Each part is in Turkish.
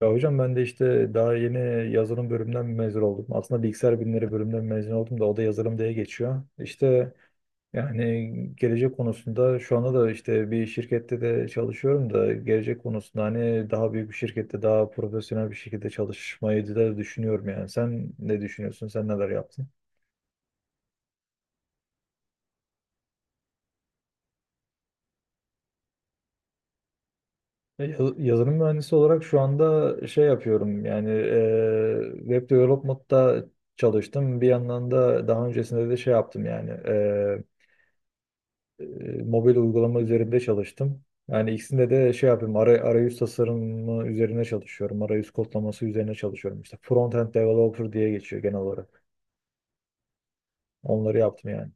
Ya hocam, ben de işte daha yeni yazılım bölümünden mezun oldum. Aslında bilgisayar bilimleri bölümünden mezun oldum da o da yazılım diye geçiyor. İşte yani gelecek konusunda şu anda da işte bir şirkette de çalışıyorum da gelecek konusunda hani daha büyük bir şirkette daha profesyonel bir şekilde çalışmayı da düşünüyorum yani. Sen ne düşünüyorsun? Sen neler yaptın? Yazılım mühendisi olarak şu anda şey yapıyorum yani web development'ta çalıştım. Bir yandan da daha öncesinde de şey yaptım yani mobil uygulama üzerinde çalıştım. Yani ikisinde de şey yapıyorum, arayüz tasarımı üzerine çalışıyorum. Arayüz kodlaması üzerine çalışıyorum. İşte front-end developer diye geçiyor genel olarak. Onları yaptım yani.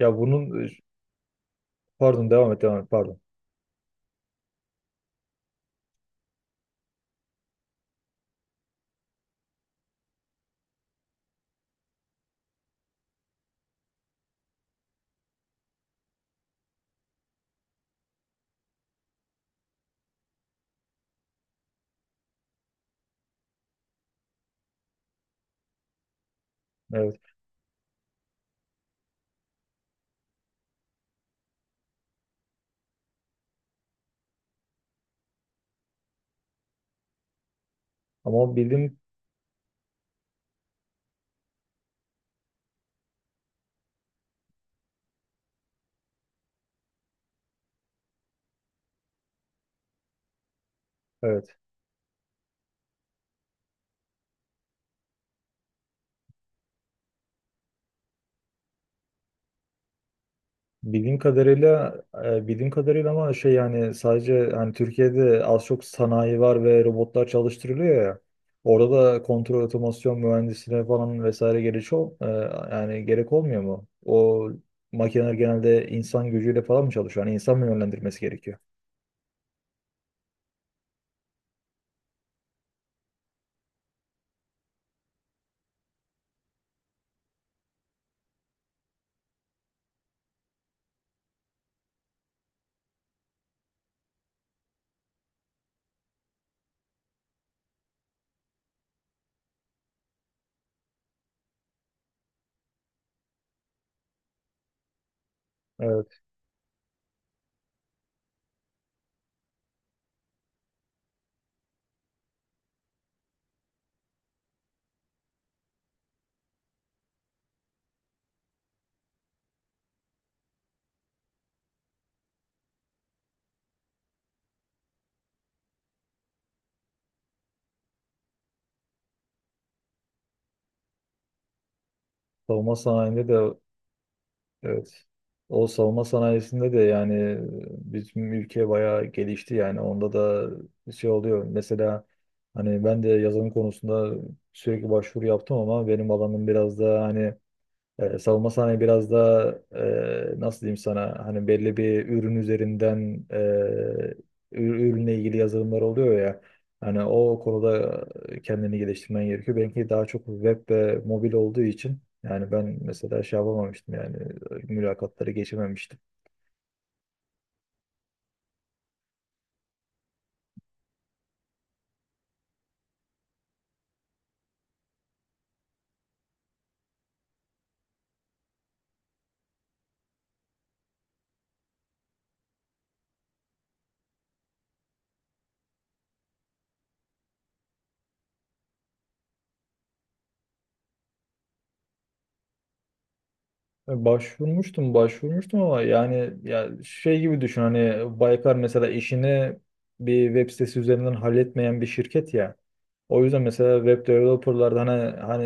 Ya bunun, pardon devam et, devam et, pardon. Evet. Ama bildiğim, evet. Bildiğim kadarıyla Bildiğim kadarıyla ama şey, yani sadece hani Türkiye'de az çok sanayi var ve robotlar çalıştırılıyor ya. Orada da kontrol otomasyon mühendisliğine falan vesaire yani gerek olmuyor mu? O makineler genelde insan gücüyle falan mı çalışıyor? Yani insan mı yönlendirmesi gerekiyor? Evet, savunma sanayinde de evet. O savunma sanayisinde de yani bizim ülke bayağı gelişti yani, onda da bir şey oluyor. Mesela hani ben de yazılım konusunda sürekli başvuru yaptım ama benim alanım biraz da hani, savunma sanayi biraz da nasıl diyeyim sana, hani belli bir ürün üzerinden ürünle ilgili yazılımlar oluyor ya, hani o konuda kendini geliştirmen gerekiyor. Benimki daha çok web ve mobil olduğu için yani ben mesela şey yapamamıştım yani, mülakatları geçememiştim. Başvurmuştum, başvurmuştum ama yani ya şey gibi düşün hani Baykar mesela işini bir web sitesi üzerinden halletmeyen bir şirket ya. O yüzden mesela web developerlarda hani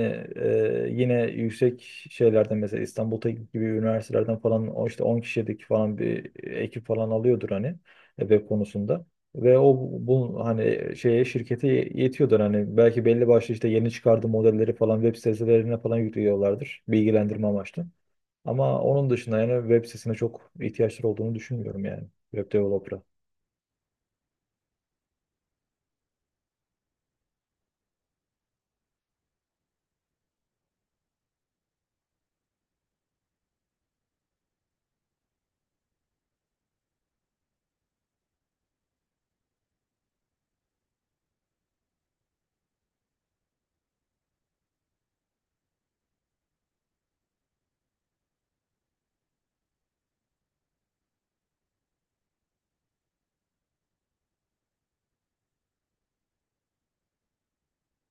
yine yüksek şeylerden mesela İstanbul Teknik gibi üniversitelerden falan o işte 10 kişilik falan bir ekip falan alıyordur hani web konusunda. Ve o bu hani şeye şirkete yetiyordur, hani belki belli başlı işte yeni çıkardığı modelleri falan web sitelerine falan yüklüyorlardır bilgilendirme amaçlı. Ama onun dışında yani web sitesine çok ihtiyaçları olduğunu düşünmüyorum yani, web developer'a.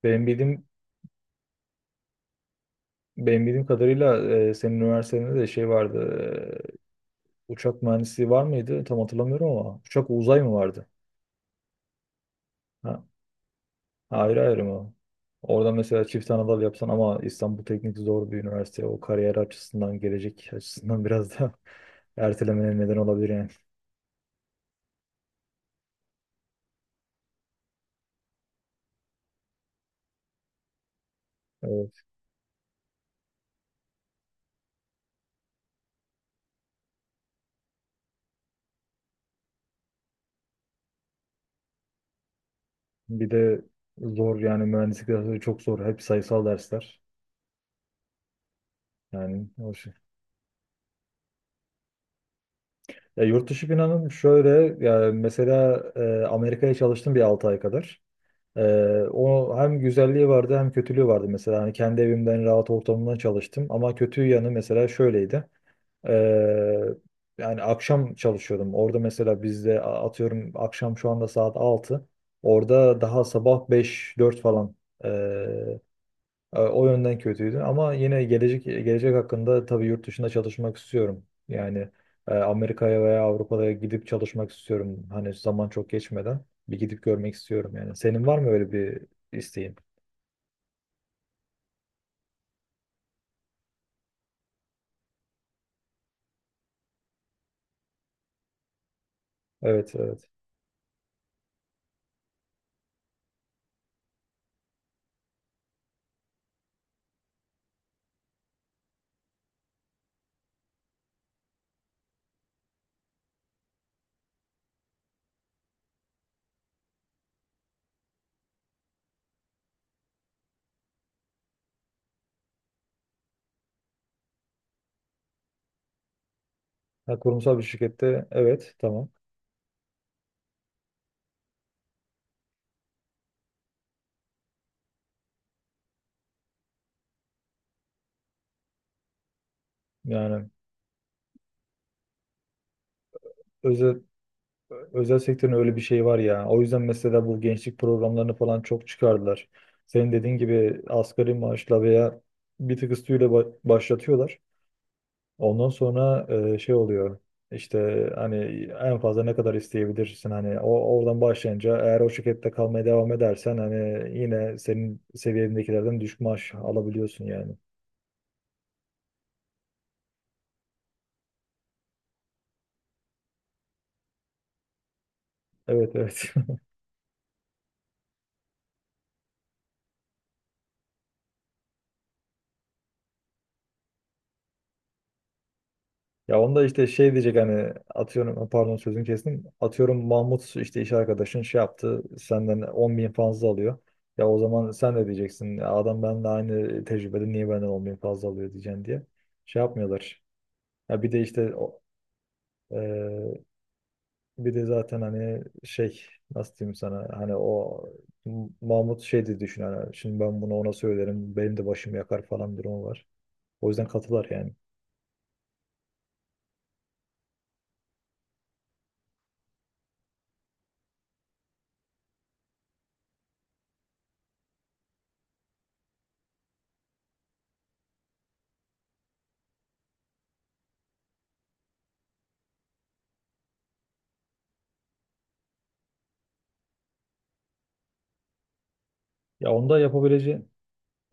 Benim bildiğim Benim bildiğim kadarıyla senin üniversitede de şey vardı. Uçak mühendisliği var mıydı? Tam hatırlamıyorum ama. Uçak uzay mı vardı? Ha, ayrı ayrı mı? Orada mesela çift Anadolu yapsan ama İstanbul Teknik zor bir üniversite. O kariyer açısından, gelecek açısından biraz da ertelemene neden olabilir yani. Evet. Bir de zor yani, mühendislik dersleri çok zor. Hep sayısal dersler. Yani o şey. Ya yurt dışı planım şöyle. Ya mesela Amerika'ya çalıştım bir 6 ay kadar. Ee, O hem güzelliği vardı hem kötülüğü vardı mesela. Hani kendi evimden rahat ortamımda çalıştım ama kötü yanı mesela şöyleydi. Ee, Yani akşam çalışıyordum. Orada mesela bizde atıyorum akşam şu anda saat altı, orada daha sabah beş dört falan. O yönden kötüydü ama yine gelecek hakkında tabii yurt dışında çalışmak istiyorum. Yani Amerika'ya veya Avrupa'ya gidip çalışmak istiyorum. Hani zaman çok geçmeden bir gidip görmek istiyorum yani. Senin var mı öyle bir isteğin? Evet, evet. Ha, kurumsal bir şirkette, evet, tamam. Yani özel özel sektörün öyle bir şeyi var ya. O yüzden mesela bu gençlik programlarını falan çok çıkardılar. Senin dediğin gibi asgari maaşla veya bir tık üstüyle başlatıyorlar. Ondan sonra şey oluyor. İşte hani en fazla ne kadar isteyebilirsin, hani o, oradan başlayınca eğer o şirkette kalmaya devam edersen hani yine senin seviyendekilerden düşük maaş alabiliyorsun yani. Evet, evet. Ya onda işte şey diyecek hani, atıyorum, pardon sözünü kestim. Atıyorum Mahmut işte iş arkadaşın şey yaptı, senden 10 bin fazla alıyor. Ya o zaman sen de diyeceksin, "Ya adam benimle aynı tecrübede niye benden 10 bin fazla alıyor diyeceksin" diye. Şey yapmıyorlar. Ya bir de işte o- ee, Bir de zaten hani şey, nasıl diyeyim sana, hani o Mahmut şey de düşün hani, şimdi ben bunu ona söylerim benim de başım yakar falan bir durum var. O yüzden katılar yani. Ya onda yapabileceği.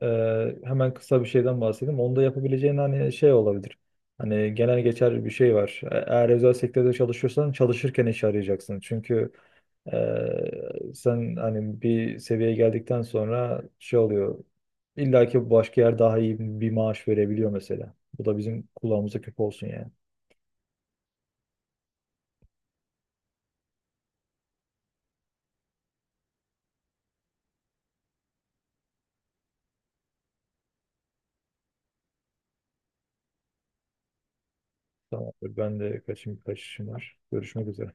Hemen kısa bir şeyden bahsedeyim. Onda yapabileceğin hani şey olabilir. Hani genel geçer bir şey var. Eğer özel sektörde çalışıyorsan çalışırken iş arayacaksın. Çünkü sen hani bir seviyeye geldikten sonra şey oluyor. İlla ki başka yer daha iyi bir maaş verebiliyor mesela. Bu da bizim kulağımıza küp olsun yani. Tamamdır. Ben de kaçayım birkaç işim var. Görüşmek üzere.